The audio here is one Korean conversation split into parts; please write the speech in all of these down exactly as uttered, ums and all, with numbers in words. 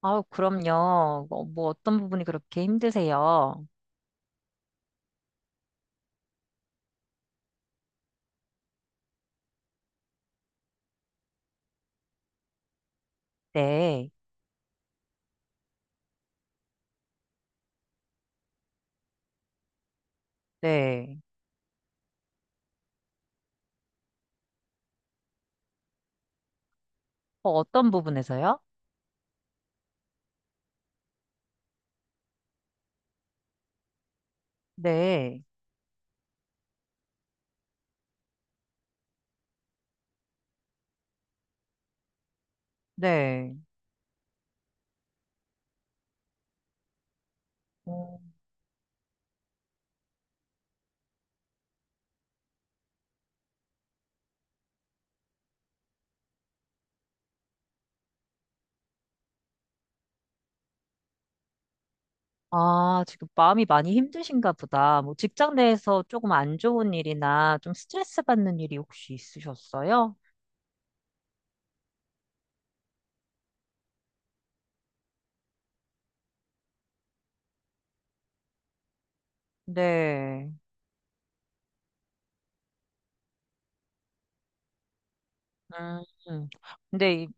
아우, 그럼요. 뭐, 뭐 어떤 부분이 그렇게 힘드세요? 네, 네. 어, 어떤 부분에서요? 네, 네. 어, 아, 지금 마음이 많이 힘드신가 보다. 뭐 직장 내에서 조금 안 좋은 일이나 좀 스트레스 받는 일이 혹시 있으셨어요? 네. 음, 음. 근데 이-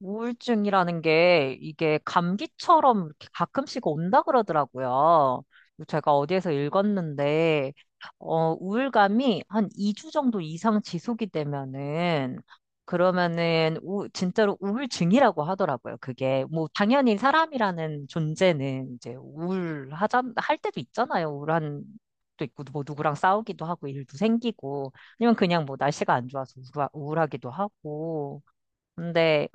우울증이라는 게 이게 감기처럼 이렇게 가끔씩 온다 그러더라고요. 제가 어디에서 읽었는데, 어, 우울감이 한 이 주 정도 이상 지속이 되면은, 그러면은, 우, 진짜로 우울증이라고 하더라고요. 그게, 뭐, 당연히 사람이라는 존재는 이제 우울하자, 할 때도 있잖아요. 우울한, 도 있고 뭐 누구랑 싸우기도 하고 일도 생기고, 아니면 그냥 뭐 날씨가 안 좋아서 우울하, 우울하기도 하고. 근데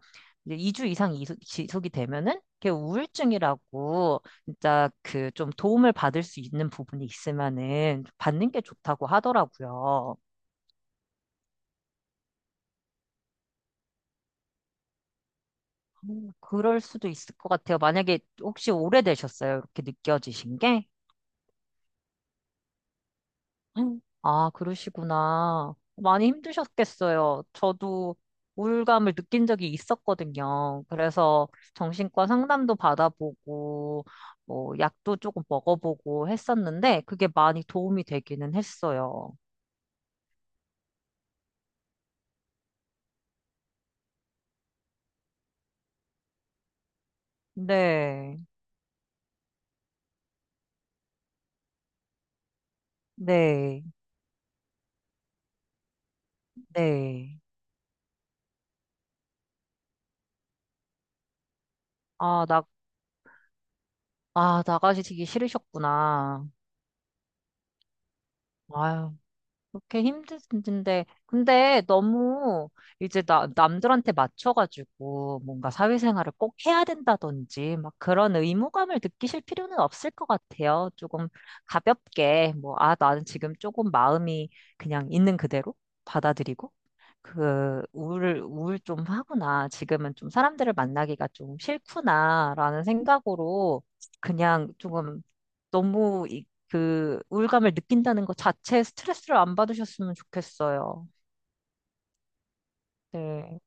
이제 이 주 이상 이소- 지속이 되면은 그게 우울증이라고 진짜 그 좀 도움을 받을 수 있는 부분이 있으면은 받는 게 좋다고 하더라고요. 음, 그럴 수도 있을 것 같아요. 만약에 혹시 오래되셨어요? 이렇게 느껴지신 게? 음. 아, 그러시구나. 많이 힘드셨겠어요. 저도 우울감을 느낀 적이 있었거든요. 그래서 정신과 상담도 받아보고, 뭐, 약도 조금 먹어보고 했었는데, 그게 많이 도움이 되기는 했어요. 네, 네, 네. 아, 나, 아, 나가시기 싫으셨구나. 아유. 그렇게 힘든데, 근데 너무 이제 나, 남들한테 맞춰가지고 뭔가 사회생활을 꼭 해야 된다든지 막 그런 의무감을 느끼실 필요는 없을 것 같아요. 조금 가볍게, 뭐, 아, 나는 지금 조금 마음이 그냥 있는 그대로 받아들이고. 그 우울 우울 좀 하구나. 지금은 좀 사람들을 만나기가 좀 싫구나라는 생각으로 그냥 조금 너무 이, 그 우울감을 느낀다는 것 자체에 스트레스를 안 받으셨으면 좋겠어요. 네.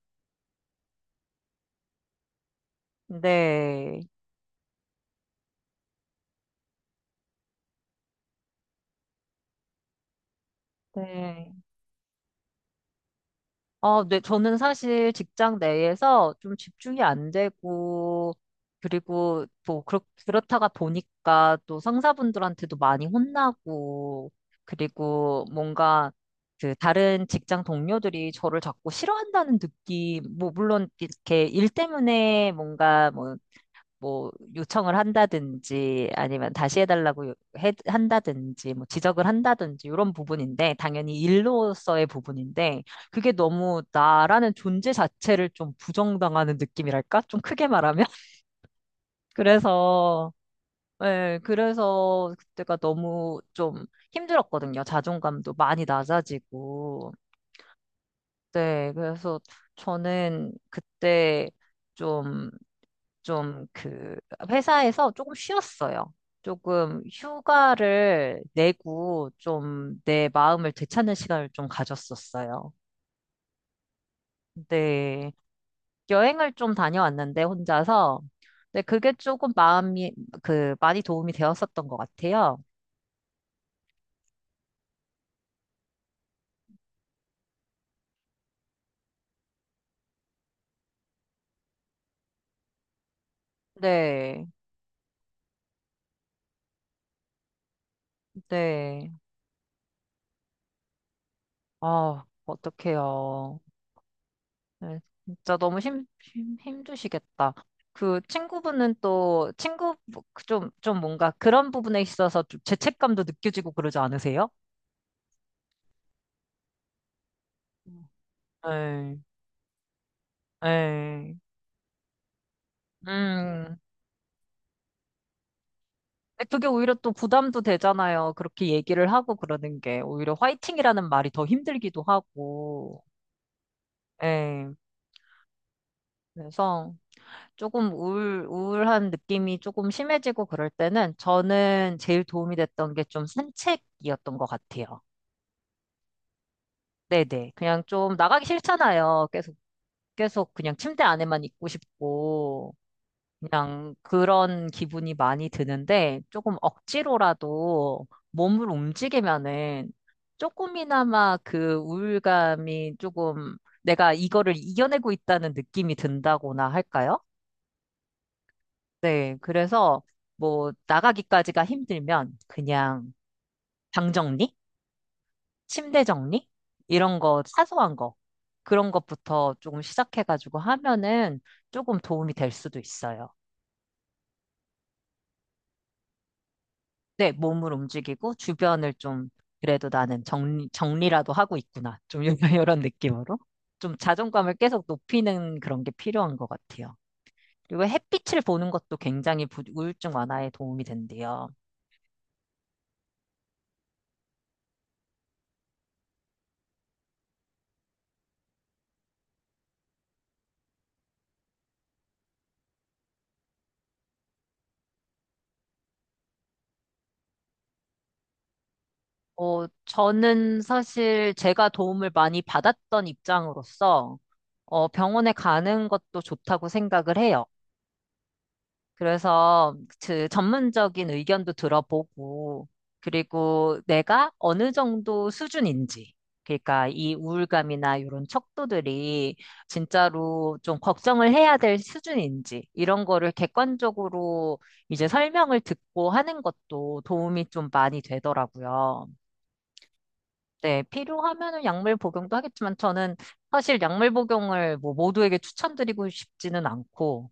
네. 네. 어, 네, 저는 사실 직장 내에서 좀 집중이 안 되고, 그리고 뭐, 그렇, 그렇다가 보니까 또 상사분들한테도 많이 혼나고, 그리고 뭔가 그 다른 직장 동료들이 저를 자꾸 싫어한다는 느낌, 뭐, 물론 이렇게 일 때문에 뭔가 뭐, 뭐 요청을 한다든지 아니면 다시 해달라고 요- 해, 한다든지 뭐 지적을 한다든지 이런 부분인데 당연히 일로서의 부분인데 그게 너무 나라는 존재 자체를 좀 부정당하는 느낌이랄까? 좀 크게 말하면? 그래서 예, 그래서 그때가 너무 좀 힘들었거든요. 자존감도 많이 낮아지고. 네, 그래서 저는 그때 좀 좀 그 회사에서 조금 쉬었어요. 조금 휴가를 내고 좀 내 마음을 되찾는 시간을 좀 가졌었어요. 네. 여행을 좀 다녀왔는데 혼자서. 근데 그게 조금 마음이 그 많이 도움이 되었었던 것 같아요. 네. 네. 아, 어떡해요. 네, 진짜 너무 힘, 힘, 힘드시겠다. 그 친구분은 또 친구 좀, 좀 뭔가 그런 부분에 있어서 좀 죄책감도 느껴지고 그러지 않으세요? 네, 네. 음, 근데 그게 오히려 또 부담도 되잖아요. 그렇게 얘기를 하고 그러는 게 오히려 화이팅이라는 말이 더 힘들기도 하고. 네. 그래서 조금 우울, 우울한 느낌이 조금 심해지고 그럴 때는 저는 제일 도움이 됐던 게 좀 산책이었던 것 같아요. 네네. 그냥 좀 나가기 싫잖아요. 계속, 계속 그냥 침대 안에만 있고 싶고, 그냥 그런 기분이 많이 드는데, 조금 억지로라도 몸을 움직이면은 조금이나마 그 우울감이 조금 내가 이거를 이겨내고 있다는 느낌이 든다거나 할까요? 네. 그래서 뭐 나가기까지가 힘들면 그냥 방 정리? 침대 정리? 이런 거, 사소한 거. 그런 것부터 조금 시작해가지고 하면은 조금 도움이 될 수도 있어요. 네, 몸을 움직이고 주변을 좀, 그래도 나는 정리, 정리라도 하고 있구나. 좀 이런 느낌으로. 좀 자존감을 계속 높이는 그런 게 필요한 것 같아요. 그리고 햇빛을 보는 것도 굉장히 부- 우울증 완화에 도움이 된대요. 어, 저는 사실 제가 도움을 많이 받았던 입장으로서, 어, 병원에 가는 것도 좋다고 생각을 해요. 그래서 그 전문적인 의견도 들어보고, 그리고 내가 어느 정도 수준인지, 그러니까 이 우울감이나 이런 척도들이 진짜로 좀 걱정을 해야 될 수준인지, 이런 거를 객관적으로 이제 설명을 듣고 하는 것도 도움이 좀 많이 되더라고요. 네, 필요하면은 약물 복용도 하겠지만 저는 사실 약물 복용을 뭐 모두에게 추천드리고 싶지는 않고,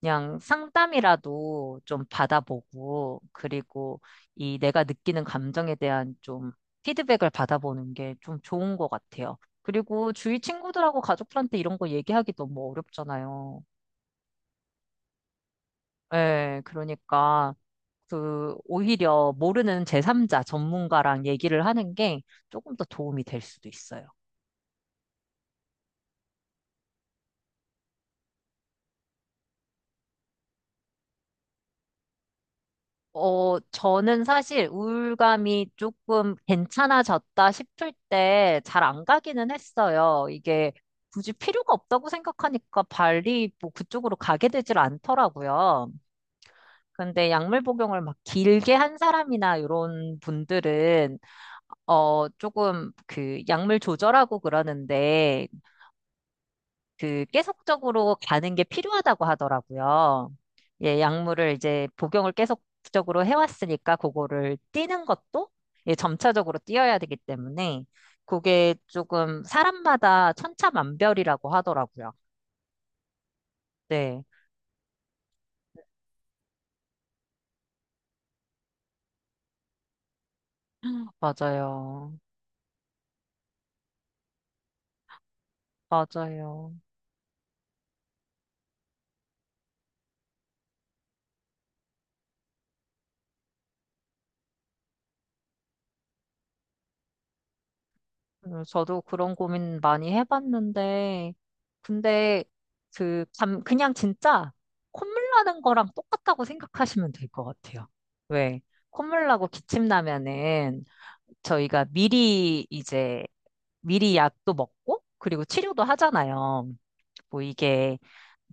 그냥 상담이라도 좀 받아보고 그리고 이 내가 느끼는 감정에 대한 좀 피드백을 받아보는 게 좀 좋은 것 같아요. 그리고 주위 친구들하고 가족들한테 이런 거 얘기하기 너무 어렵잖아요. 예, 그러니까 그 오히려 모르는 제삼자 전문가랑 얘기를 하는 게 조금 더 도움이 될 수도 있어요. 어, 저는 사실 우울감이 조금 괜찮아졌다 싶을 때 잘 안 가기는 했어요. 이게 굳이 필요가 없다고 생각하니까 발리 뭐 그쪽으로 가게 되질 않더라고요. 근데 약물 복용을 막 길게 한 사람이나 이런 분들은 어, 조금 그 약물 조절하고 그러는데 그 계속적으로 가는 게 필요하다고 하더라고요. 예, 약물을 이제 복용을 계속적으로 해왔으니까 그거를 뛰는 것도 예, 점차적으로 뛰어야 되기 때문에 그게 조금 사람마다 천차만별이라고 하더라고요. 네, 맞아요. 맞아요. 음, 저도 그런 고민 많이 해봤는데, 근데 그, 감, 그냥 진짜 콧물 나는 거랑 똑같다고 생각하시면 될 것 같아요. 왜? 콧물 나고 기침 나면은 저희가 미리 이제, 미리 약도 먹고, 그리고 치료도 하잖아요. 뭐 이게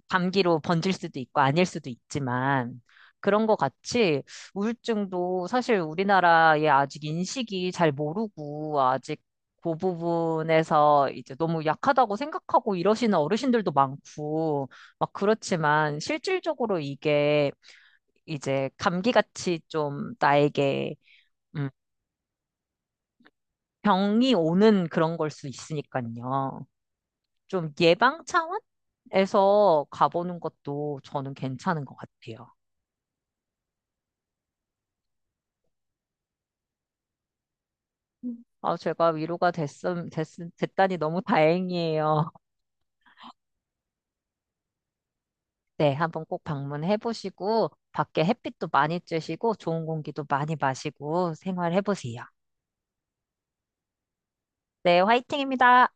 감기로 번질 수도 있고 아닐 수도 있지만 그런 것 같이 우울증도 사실 우리나라에 아직 인식이 잘 모르고 아직 그 부분에서 이제 너무 약하다고 생각하고 이러시는 어르신들도 많고 막 그렇지만 실질적으로 이게 이제 감기같이 좀 나에게 음, 병이 오는 그런 걸 수 있으니까요. 좀 예방 차원에서 가보는 것도 저는 괜찮은 것 같아요. 아, 제가 위로가 됐음, 됐, 됐다니 너무 다행이에요. 네, 한번 꼭 방문해 보시고, 밖에 햇빛도 많이 쬐시고, 좋은 공기도 많이 마시고, 생활해 보세요. 네, 화이팅입니다.